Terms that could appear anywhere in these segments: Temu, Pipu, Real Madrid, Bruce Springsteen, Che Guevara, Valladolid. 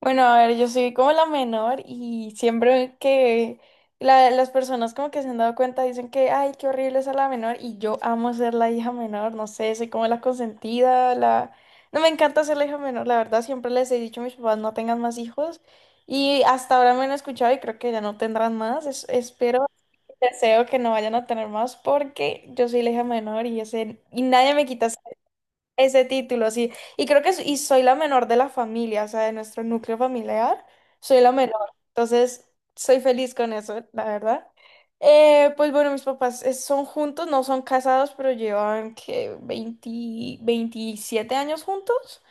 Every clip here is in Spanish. Bueno, a ver, yo soy como la menor y siempre que las personas como que se han dado cuenta dicen que, ay, qué horrible ser la menor y yo amo ser la hija menor, no sé, soy como la consentida, la... No me encanta ser la hija menor, la verdad, siempre les he dicho a mis papás no tengan más hijos y hasta ahora me han escuchado y creo que ya no tendrán más, espero, deseo que no vayan a tener más porque yo soy la hija menor y, ese, y nadie me quita ese título, sí. Y creo que y soy la menor de la familia, o sea, de nuestro núcleo familiar, soy la menor. Entonces, soy feliz con eso, la verdad. Pues bueno, mis papás son juntos, no son casados, pero llevan que 20 27 años juntos.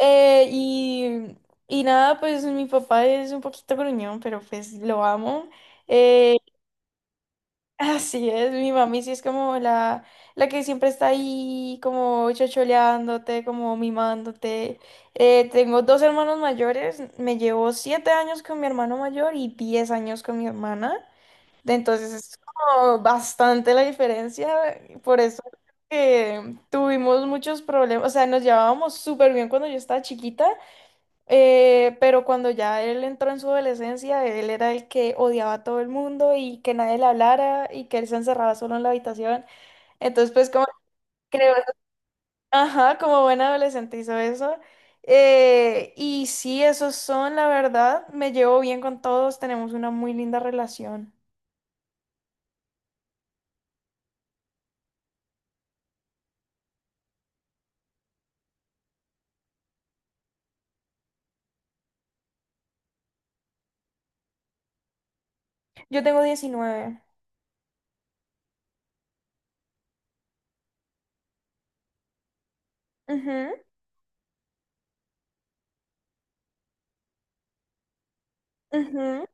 Eh, y, y nada, pues mi papá es un poquito gruñón, pero pues lo amo. Eh, Así es, mi mami sí es como la que siempre está ahí como chocholeándote, como mimándote. Tengo dos hermanos mayores, me llevo 7 años con mi hermano mayor y 10 años con mi hermana. De Entonces es como bastante la diferencia, por eso que tuvimos muchos problemas, o sea, nos llevábamos súper bien cuando yo estaba chiquita pero cuando ya él entró en su adolescencia, él era el que odiaba a todo el mundo y que nadie le hablara y que él se encerraba solo en la habitación. Entonces, pues como creo, ajá, como buen adolescente hizo eso. Y sí, esos son, la verdad, me llevo bien con todos, tenemos una muy linda relación. Yo tengo 19. Ujú, ujú,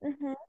ujú.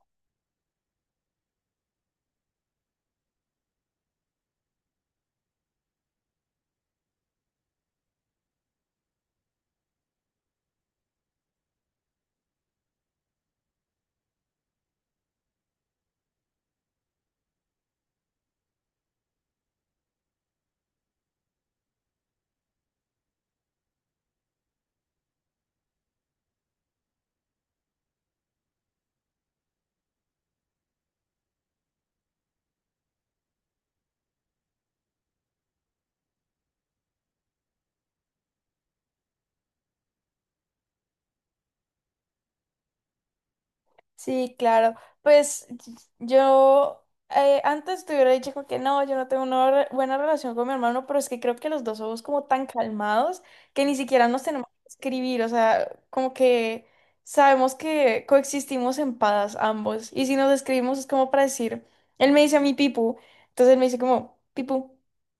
Sí, claro. Pues y- yo Antes te hubiera dicho como que no, yo no tengo una buena relación con mi hermano, pero es que creo que los dos somos como tan calmados que ni siquiera nos tenemos que escribir, o sea, como que sabemos que coexistimos en paz ambos. Y si nos escribimos es como para decir, él me dice a mí Pipu, entonces él me dice como, Pipu,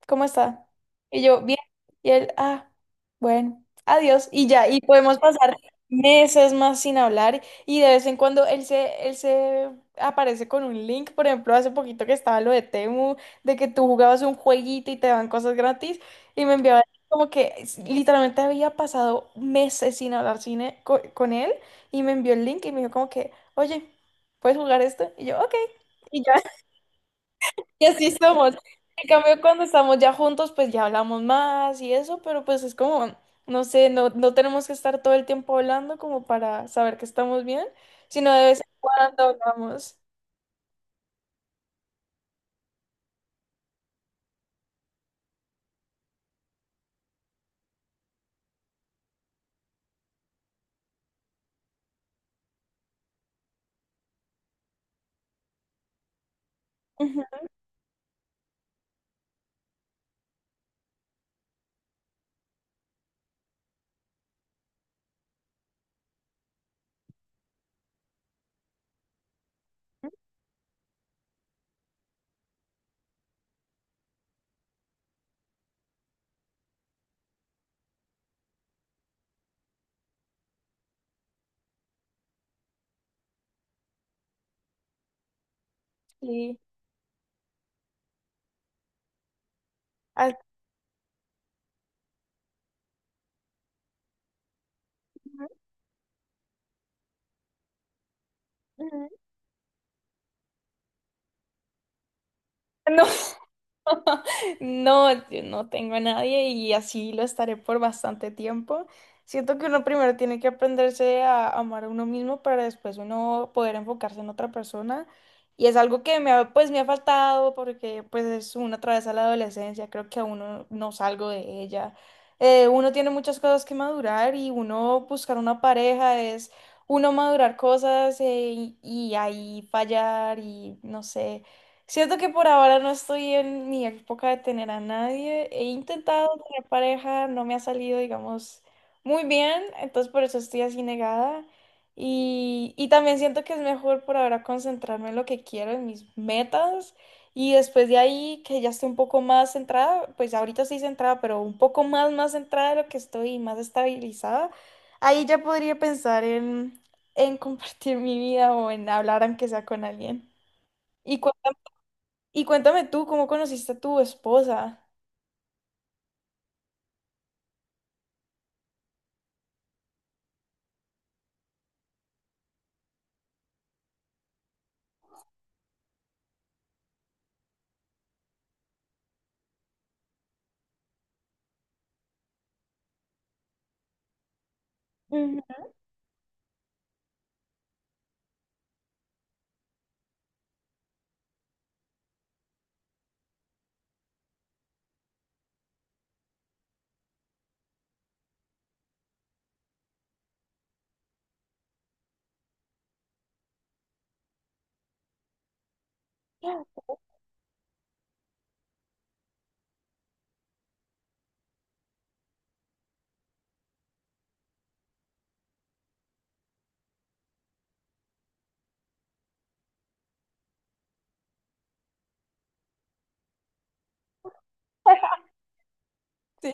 ¿cómo está? Y yo, bien. Y él, ah, bueno, adiós. Y ya, y podemos pasar meses más sin hablar. Y de vez en cuando él se aparece con un link, por ejemplo, hace poquito que estaba lo de Temu, de que tú jugabas un jueguito y te daban cosas gratis, y me enviaba como que literalmente había pasado meses sin hablar con él, y me envió el link y me dijo como que, oye, ¿puedes jugar esto? Y yo, ok, y ya. Y así somos. En cambio, cuando estamos ya juntos, pues ya hablamos más y eso, pero pues es como, no sé, no tenemos que estar todo el tiempo hablando como para saber que estamos bien, sino de vez en cuando hablamos. Ujú. Sí. Así- ujú. No, No, yo no tengo a nadie y así lo estaré por bastante tiempo. Siento que uno primero tiene que aprenderse a amar a uno mismo para después uno poder enfocarse en otra persona. Y es algo que me ha, pues, me ha faltado porque pues es una travesa a la adolescencia, creo que aún no salgo de ella. Uno tiene muchas cosas que madurar y uno buscar una pareja es uno madurar cosas y ahí fallar y no sé. Siento que por ahora no estoy en mi época de tener a nadie. He intentado tener pareja, no me ha salido, digamos, muy bien, entonces por eso estoy así negada. Y también siento que es mejor por ahora concentrarme en lo que quiero, en mis metas. Y después de ahí, que ya estoy un poco más centrada, pues ahorita estoy centrada, pero un poco más, más centrada de lo que estoy y más estabilizada, ahí ya podría pensar en compartir mi vida o en hablar aunque sea con alguien. ¿Y cu- y cuéntame tú, ¿cómo conociste a tu esposa? Ujú. Sí.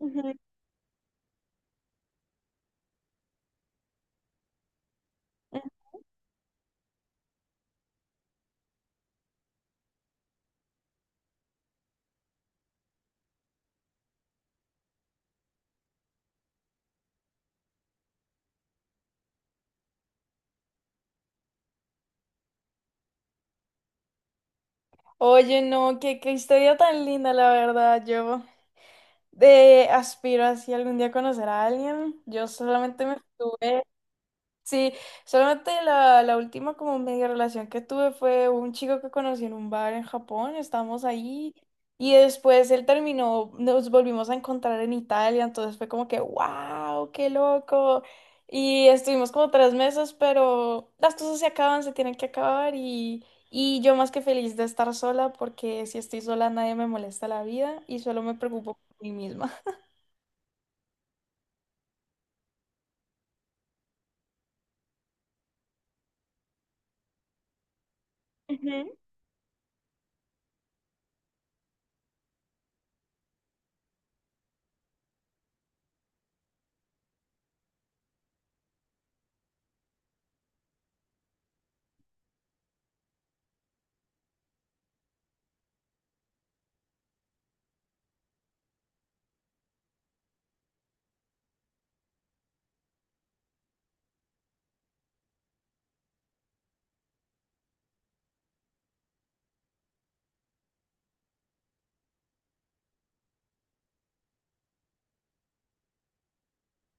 Ujú. Oye, no, qué, qué historia tan linda, la verdad. Yo de aspiro así algún día a conocer a alguien. Yo solamente me estuve. Sí, solamente la, la última como media relación que tuve fue un chico que conocí en un bar en Japón, estábamos ahí y después él terminó, nos volvimos a encontrar en Italia, entonces fue como que, wow, qué loco. Y estuvimos como 3 meses, pero las cosas se acaban, se tienen que acabar y yo más que feliz de estar sola porque si estoy sola nadie me molesta la vida y solo me preocupo por mí misma. Ujú.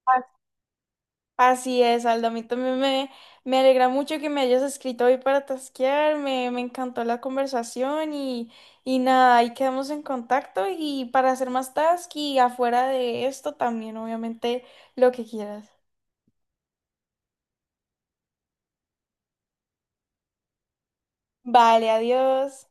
Así es, Aldo. A mí también me alegra mucho que me hayas escrito hoy para tasquear. Me encantó la conversación y nada, ahí quedamos en contacto y para hacer más task y afuera de esto también, obviamente, lo que quieras. Vale, adiós.